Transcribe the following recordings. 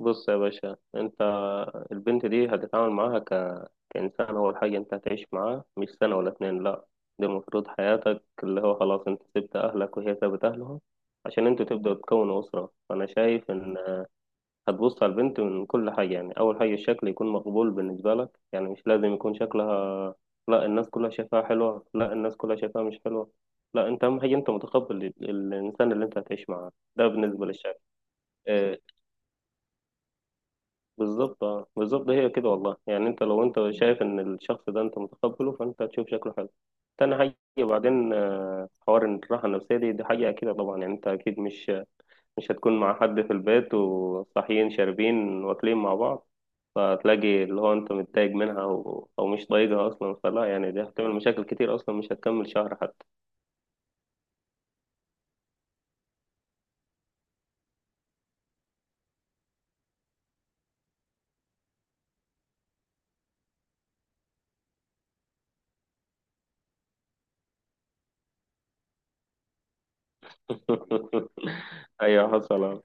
بص يا باشا، انت البنت دي هتتعامل معاها كإنسان. أول حاجة انت هتعيش معاه مش سنة ولا اتنين، لأ، دي المفروض حياتك، اللي هو خلاص انت سبت أهلك وهي سابت أهلها عشان انتوا تبدأوا تكونوا أسرة. فأنا شايف إن هتبص على البنت من كل حاجة. يعني أول حاجة الشكل يكون مقبول بالنسبة لك، يعني مش لازم يكون شكلها لأ الناس كلها شايفاها حلوة، لأ الناس كلها شايفاها مش حلوة، لأ انت أهم حاجة انت متقبل الإنسان اللي انت هتعيش معاه ده. بالنسبة للشكل، آه، بالظبط. اه بالظبط، هي كده والله. يعني انت لو انت شايف ان الشخص ده انت متقبله فانت تشوف شكله حلو. تاني حاجة وبعدين، حوار ان الراحة النفسية دي حاجة أكيدة طبعا. يعني انت أكيد مش هتكون مع حد في البيت وصاحيين شاربين واكلين مع بعض، فتلاقي اللي هو انت متضايق منها أو مش طايقها اصلا، فلا يعني دي هتعمل مشاكل كتير، اصلا مش هتكمل شهر حتى. ايوه حصل. آه.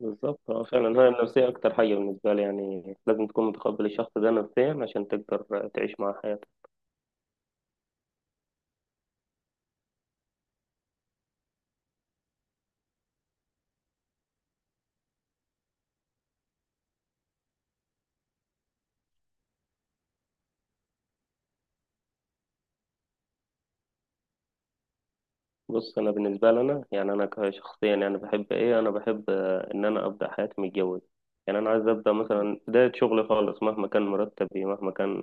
بالظبط. اه فعلا، هي النفسية أكتر حاجة بالنسبة لي، يعني لازم تكون متقبل الشخص ده نفسيا عشان تقدر تعيش معاه حياتك. بص، أنا بالنسبة لي، أنا يعني أنا كشخصيا يعني بحب إن أنا أبدأ حياتي متجوز. يعني أنا عايز أبدأ مثلا بداية شغلي خالص، مهما كان مرتبي، مهما كان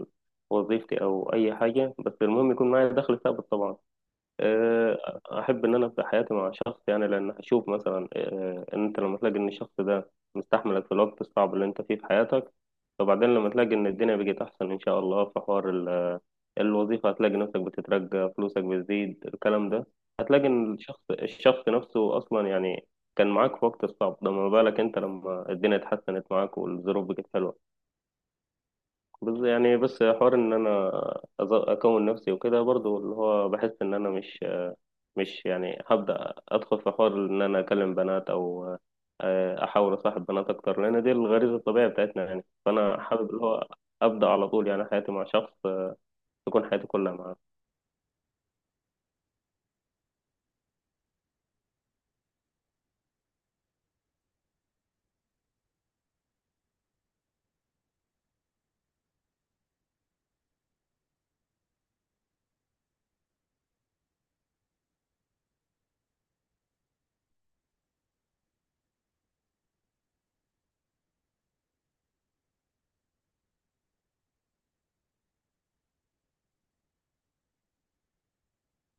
وظيفتي أو أي حاجة، بس المهم يكون معايا دخل ثابت طبعا. أحب إن أنا أبدأ حياتي مع شخص. يعني لأن هشوف مثلا إن أنت لما تلاقي إن الشخص ده مستحملك في الوقت الصعب اللي أنت فيه في حياتك، وبعدين لما تلاقي إن الدنيا بقت أحسن إن شاء الله، في حوار الوظيفة، هتلاقي نفسك بتترقى، فلوسك بتزيد، الكلام ده. هتلاقي إن الشخص نفسه أصلا يعني كان معاك في وقت الصعب ده، ما بالك أنت لما الدنيا اتحسنت معاك والظروف بقت حلوة. بس حوار إن أنا أكون نفسي وكده. برضو اللي هو بحس إن أنا مش يعني هبدأ أدخل في حوار إن أنا أكلم بنات أو أحاول أصاحب بنات أكتر، لأن دي الغريزة الطبيعية بتاعتنا يعني. فأنا حابب اللي هو أبدأ على طول يعني حياتي مع شخص، تكون حياتي كلها معاه.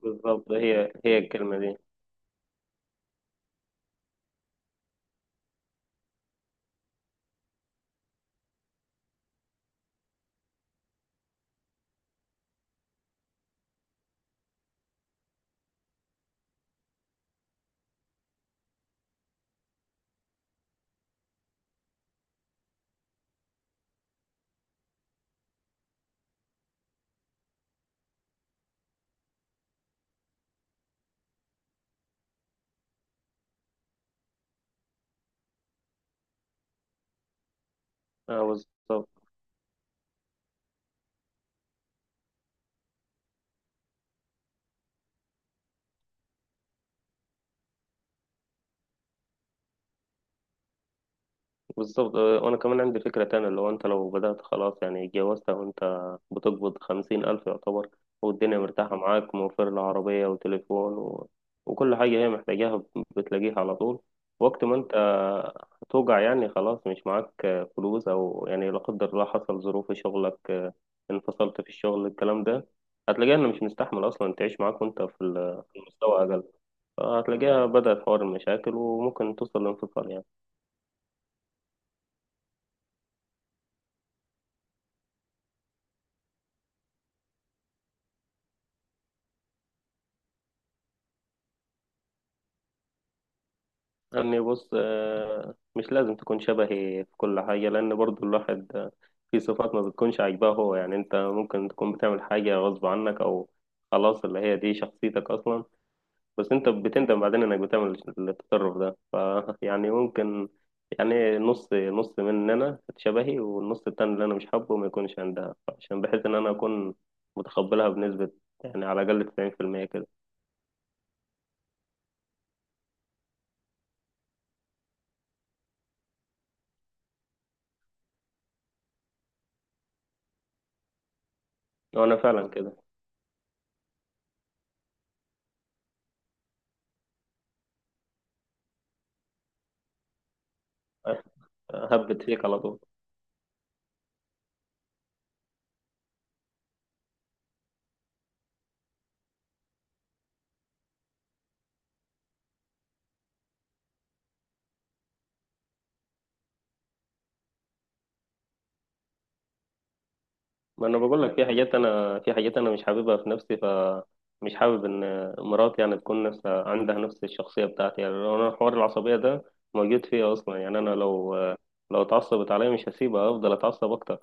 بالظبط، هي الكلمة دي. اه بالظبط. بالظبط، وانا كمان عندي فكرة تانية اللي هو انت لو بدأت خلاص، يعني اتجوزت وانت بتقبض خمسين الف يعتبر، والدنيا مرتاحة معاك، موفر لها عربية وتليفون وكل حاجة هي محتاجاها بتلاقيها على طول، وقت ما انت هتوجع يعني خلاص مش معاك فلوس، او يعني لا قدر الله حصل ظروف في شغلك، انفصلت في الشغل الكلام ده، هتلاقيها انه مش مستحمل اصلا تعيش معاك وانت في في المستوى اقل. هتلاقيها بدأت حوار المشاكل وممكن توصل لانفصال يعني. يعني بص، مش لازم تكون شبهي في كل حاجة، لأن برضو الواحد في صفات ما بتكونش عاجباه هو. يعني أنت ممكن تكون بتعمل حاجة غصب عنك أو خلاص اللي هي دي شخصيتك أصلا، بس أنت بتندم بعدين إنك بتعمل التصرف ده. فيعني ممكن يعني نص نص مننا شبهي، والنص التاني اللي أنا مش حابه ما يكونش عندها، عشان بحيث إن أنا أكون متقبلها بنسبة يعني على الأقل 90% كده. وأنا فعلا كده. هبت فيك على طول. ما انا بقول لك، في حاجات انا مش حاببها في نفسي، فمش حابب ان مراتي يعني تكون نفس عندها نفس الشخصيه بتاعتي. يعني لو انا حوار العصبيه ده موجود فيا اصلا، يعني انا لو اتعصبت عليا مش هسيبها، افضل اتعصب اكتر.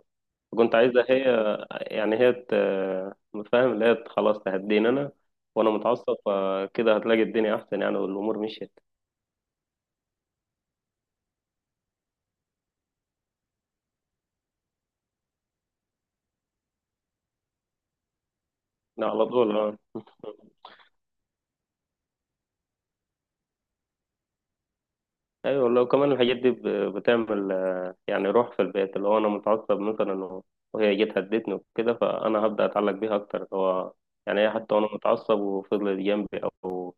كنت عايزها هي، يعني هي فاهم، اللي هي خلاص تهديني انا وانا متعصب، فكده هتلاقي الدنيا احسن يعني والامور مشيت. لا، على طول اه. ايوه والله. وكمان الحاجات دي بتعمل يعني روح في البيت، اللي هو انا متعصب مثلا وهي جت هدتني وكده، فانا هبدا اتعلق بيها اكتر. اللي هو يعني هي حتى وانا متعصب وفضلت جنبي او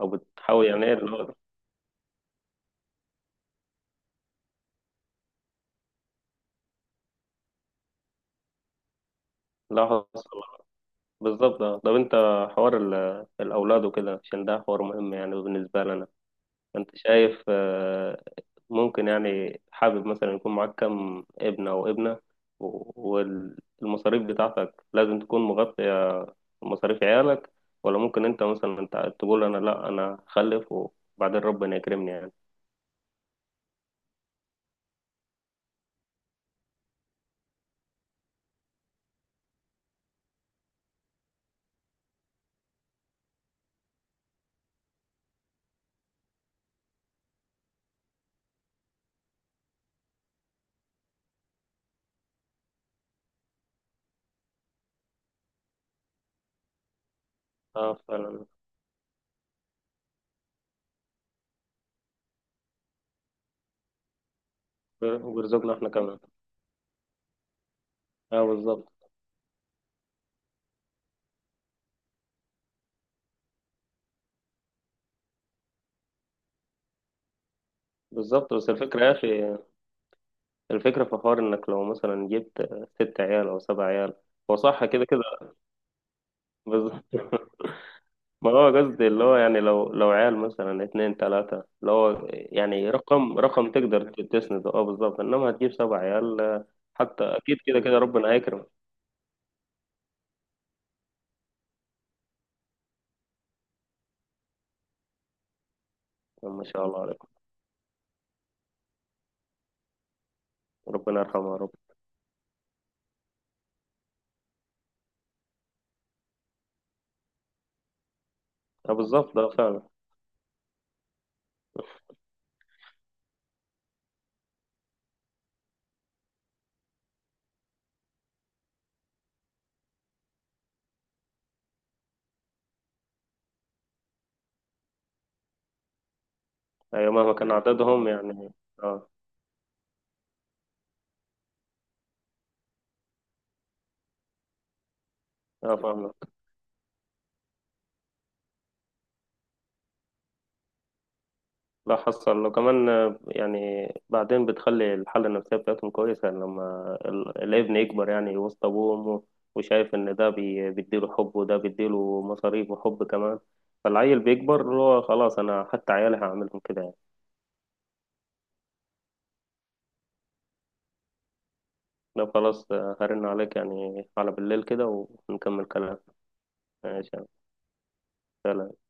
او بتحاول يعني، ايه اللي هو. لا حصل. بالظبط آه. طب انت، حوار الاولاد وكده عشان ده حوار مهم يعني بالنسبه لنا. انت شايف ممكن يعني حابب مثلا يكون معاك كم ابن او ابنه، والمصاريف بتاعتك لازم تكون مغطية مصاريف عيالك؟ ولا ممكن انت مثلا انت تقول انا لا، انا هخلف وبعدين ربنا يكرمني يعني. اه فعلا. وبيرزقنا احنا كمان. اه بالظبط. بالظبط، بس الفكرة يا اخي، الفكرة في حوار انك لو مثلا جبت ست عيال او سبع عيال. هو صح كده كده. بالظبط. ما هو قصدي اللي هو يعني لو عيال مثلا اتنين تلاتة، اللي هو يعني رقم تقدر تسنده، اه بالظبط، انما هتجيب سبع عيال حتى اكيد كده كده ربنا هيكرم. ما شاء الله عليكم. ربنا يرحمه يا رب. اه بالظبط، ده فعلا. أيوة مهما كان عددهم يعني. اه. اه فاهمك. لا حصل. لو كمان يعني بعدين بتخلي الحالة النفسية بتاعتهم كويسة، يعني لما الابن يكبر يعني وسط أبوه وأمه، وشايف إن ده بيديله حب وده بيديله مصاريف وحب كمان، فالعيل بيكبر اللي هو خلاص. أنا حتى عيالي هعملهم كده يعني. لو خلاص، هرن عليك يعني على بالليل كده ونكمل كلام. ماشي. يلا.